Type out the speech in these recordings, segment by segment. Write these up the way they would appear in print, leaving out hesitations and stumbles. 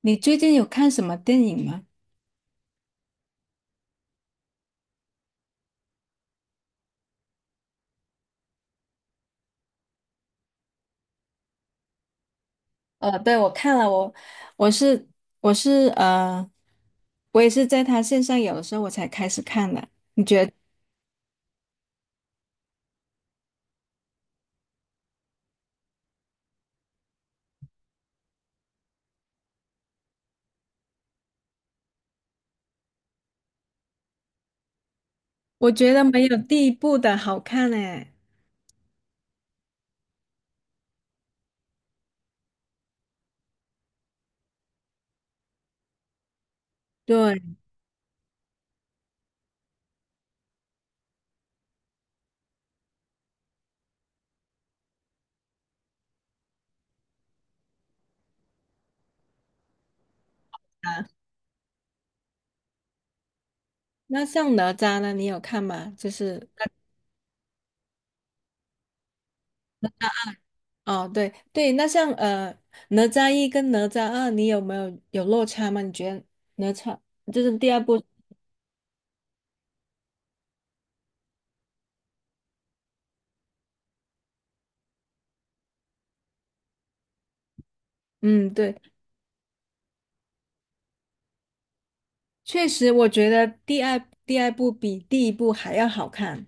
你最近有看什么电影吗？对，我看了，我是我是呃，我也是在他线上有的时候我才开始看的。你觉得？我觉得没有第一部的好看诶。对啊，那像哪吒呢？你有看吗？就是那哦，对对，那像哪吒一跟哪吒二，你有没有落差吗？你觉得哪吒就是第二部？嗯，对，确实，我觉得第二部比第一部还要好看。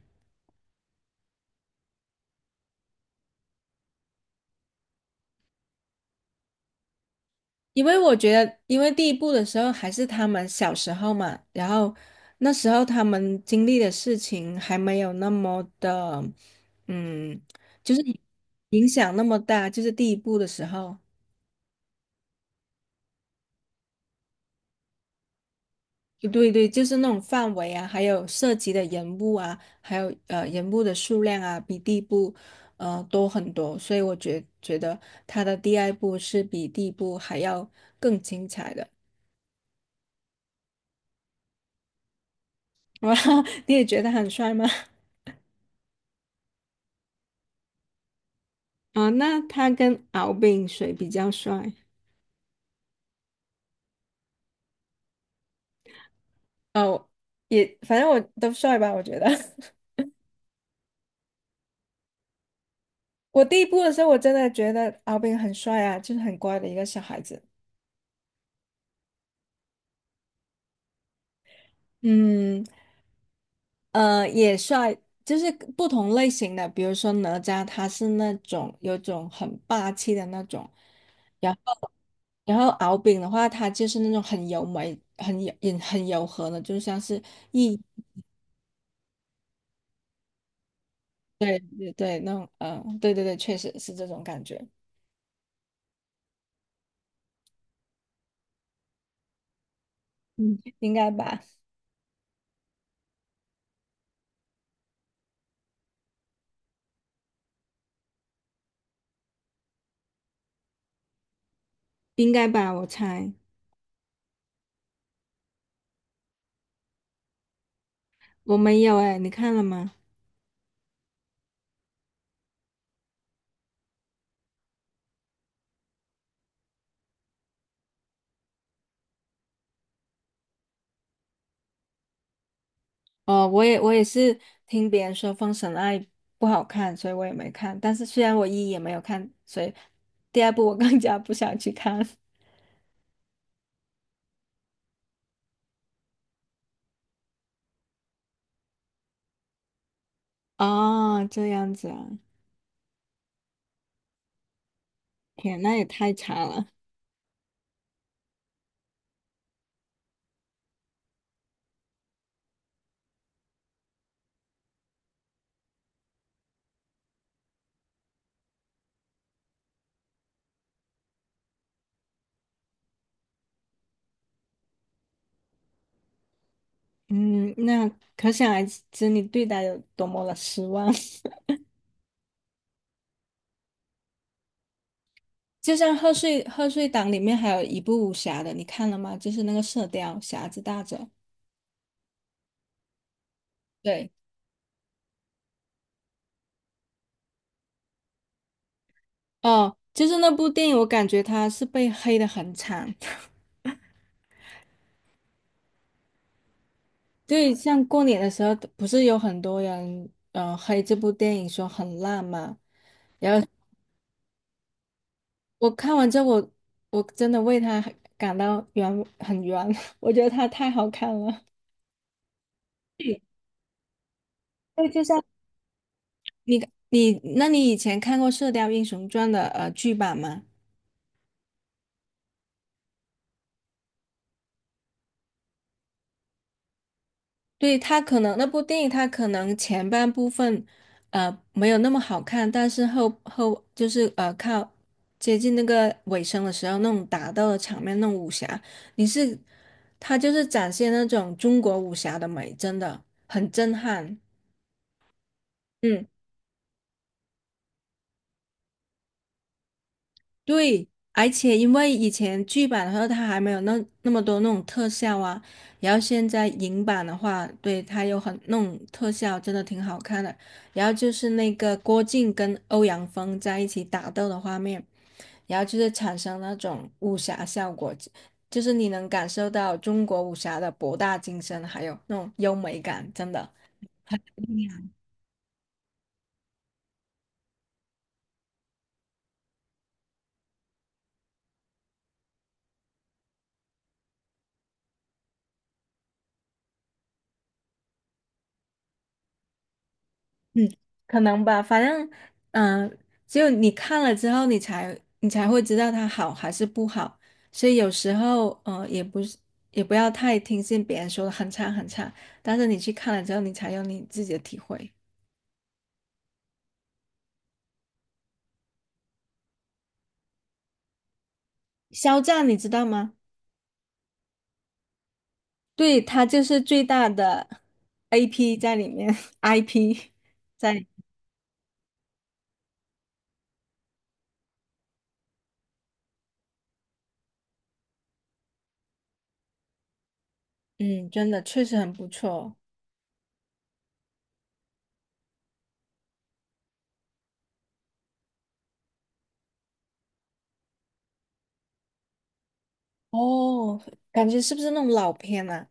因为我觉得，因为第一部的时候还是他们小时候嘛，然后那时候他们经历的事情还没有那么的，嗯，就是影响那么大，就是第一部的时候，对对，就是那种范围啊，还有涉及的人物啊，还有人物的数量啊，比第一部多很多，所以我觉得他的第二部是比第一部还要更精彩的。哇，你也觉得他很帅吗？啊，那他跟敖丙谁比较帅？哦，也反正我都帅吧，我觉得。我第一部的时候，我真的觉得敖丙很帅啊，就是很乖的一个小孩子。嗯，也帅，就是不同类型的，比如说哪吒，他是那种有种很霸气的那种，然后敖丙的话，他就是那种很柔美、很柔、也很柔和的，就像是一，对对对，那种，嗯、对对对，确实是这种感觉，嗯，应该吧。应该吧，我猜。我没有哎，你看了吗？哦，我也是听别人说《封神二》不好看，所以我也没看。但是虽然我一也没有看，所以第二部我更加不想去看。哦，这样子啊，天，那也太差了。嗯，那可想而知你对他有多么的失望。就像贺岁档里面还有一部武侠的，你看了吗？就是那个《射雕》，侠之大者。对。哦，就是那部电影，我感觉它是被黑的很惨。对，像过年的时候，不是有很多人黑这部电影说很烂嘛？然后我看完之后，我真的为他感到冤，很冤。我觉得他太好看了。对，就像你你，那你以前看过《射雕英雄传》的剧版吗？对，他可能那部电影，他可能前半部分，没有那么好看，但是后后就是呃，靠接近那个尾声的时候，那种打斗的场面，那种武侠，你是，他就是展现那种中国武侠的美，真的很震撼。嗯。对，而且因为以前剧版的时候，它还没有那么多那种特效啊，然后现在影版的话，对，它有很那种特效，真的挺好看的。然后就是那个郭靖跟欧阳锋在一起打斗的画面，然后就是产生那种武侠效果，就是你能感受到中国武侠的博大精深，还有那种优美感，真的。嗯，可能吧，反正，嗯、只有你看了之后，你才会知道它好还是不好。所以有时候，也不是也不要太听信别人说的很差很差，但是你去看了之后，你才有你自己的体会。肖战，你知道吗？对，他就是最大的 AP 在里面，IP 在里，嗯，真的确实很不错哦，哦感觉是不是那种老片啊？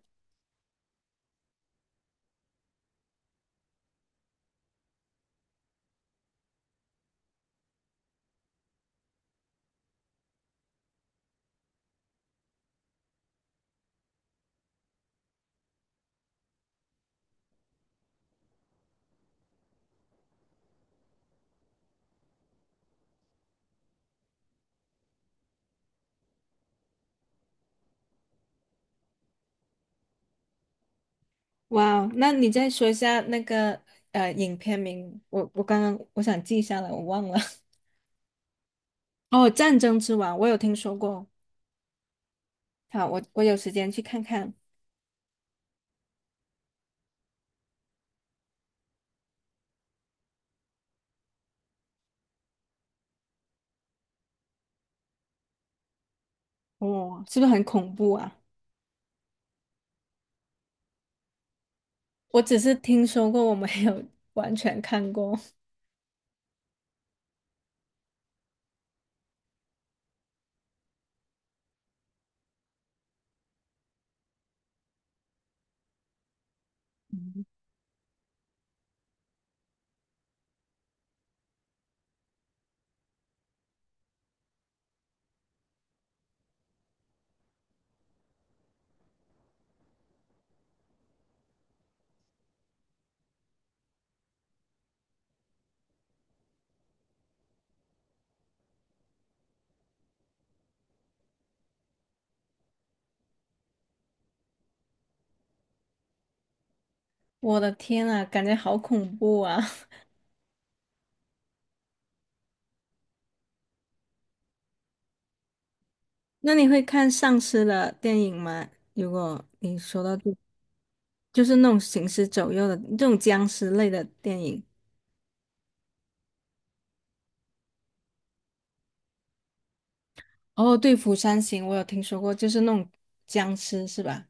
哇哦，那你再说一下那个影片名，我刚刚我想记下来，我忘了。哦，《战争之王》，我有听说过。好，我有时间去看看。哦，是不是很恐怖啊？我只是听说过，我没有完全看过。我的天啊，感觉好恐怖啊！那你会看丧尸的电影吗？如果你说到这就是那种行尸走肉的这种僵尸类的电影。哦，对，《釜山行》我有听说过，就是那种僵尸是吧？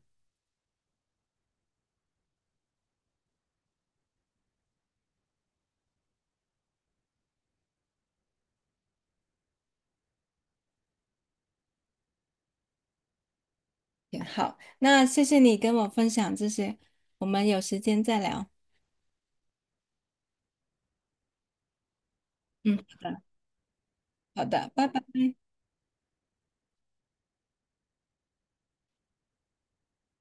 挺好，那谢谢你跟我分享这些，我们有时间再聊。嗯，好的，好的，拜拜。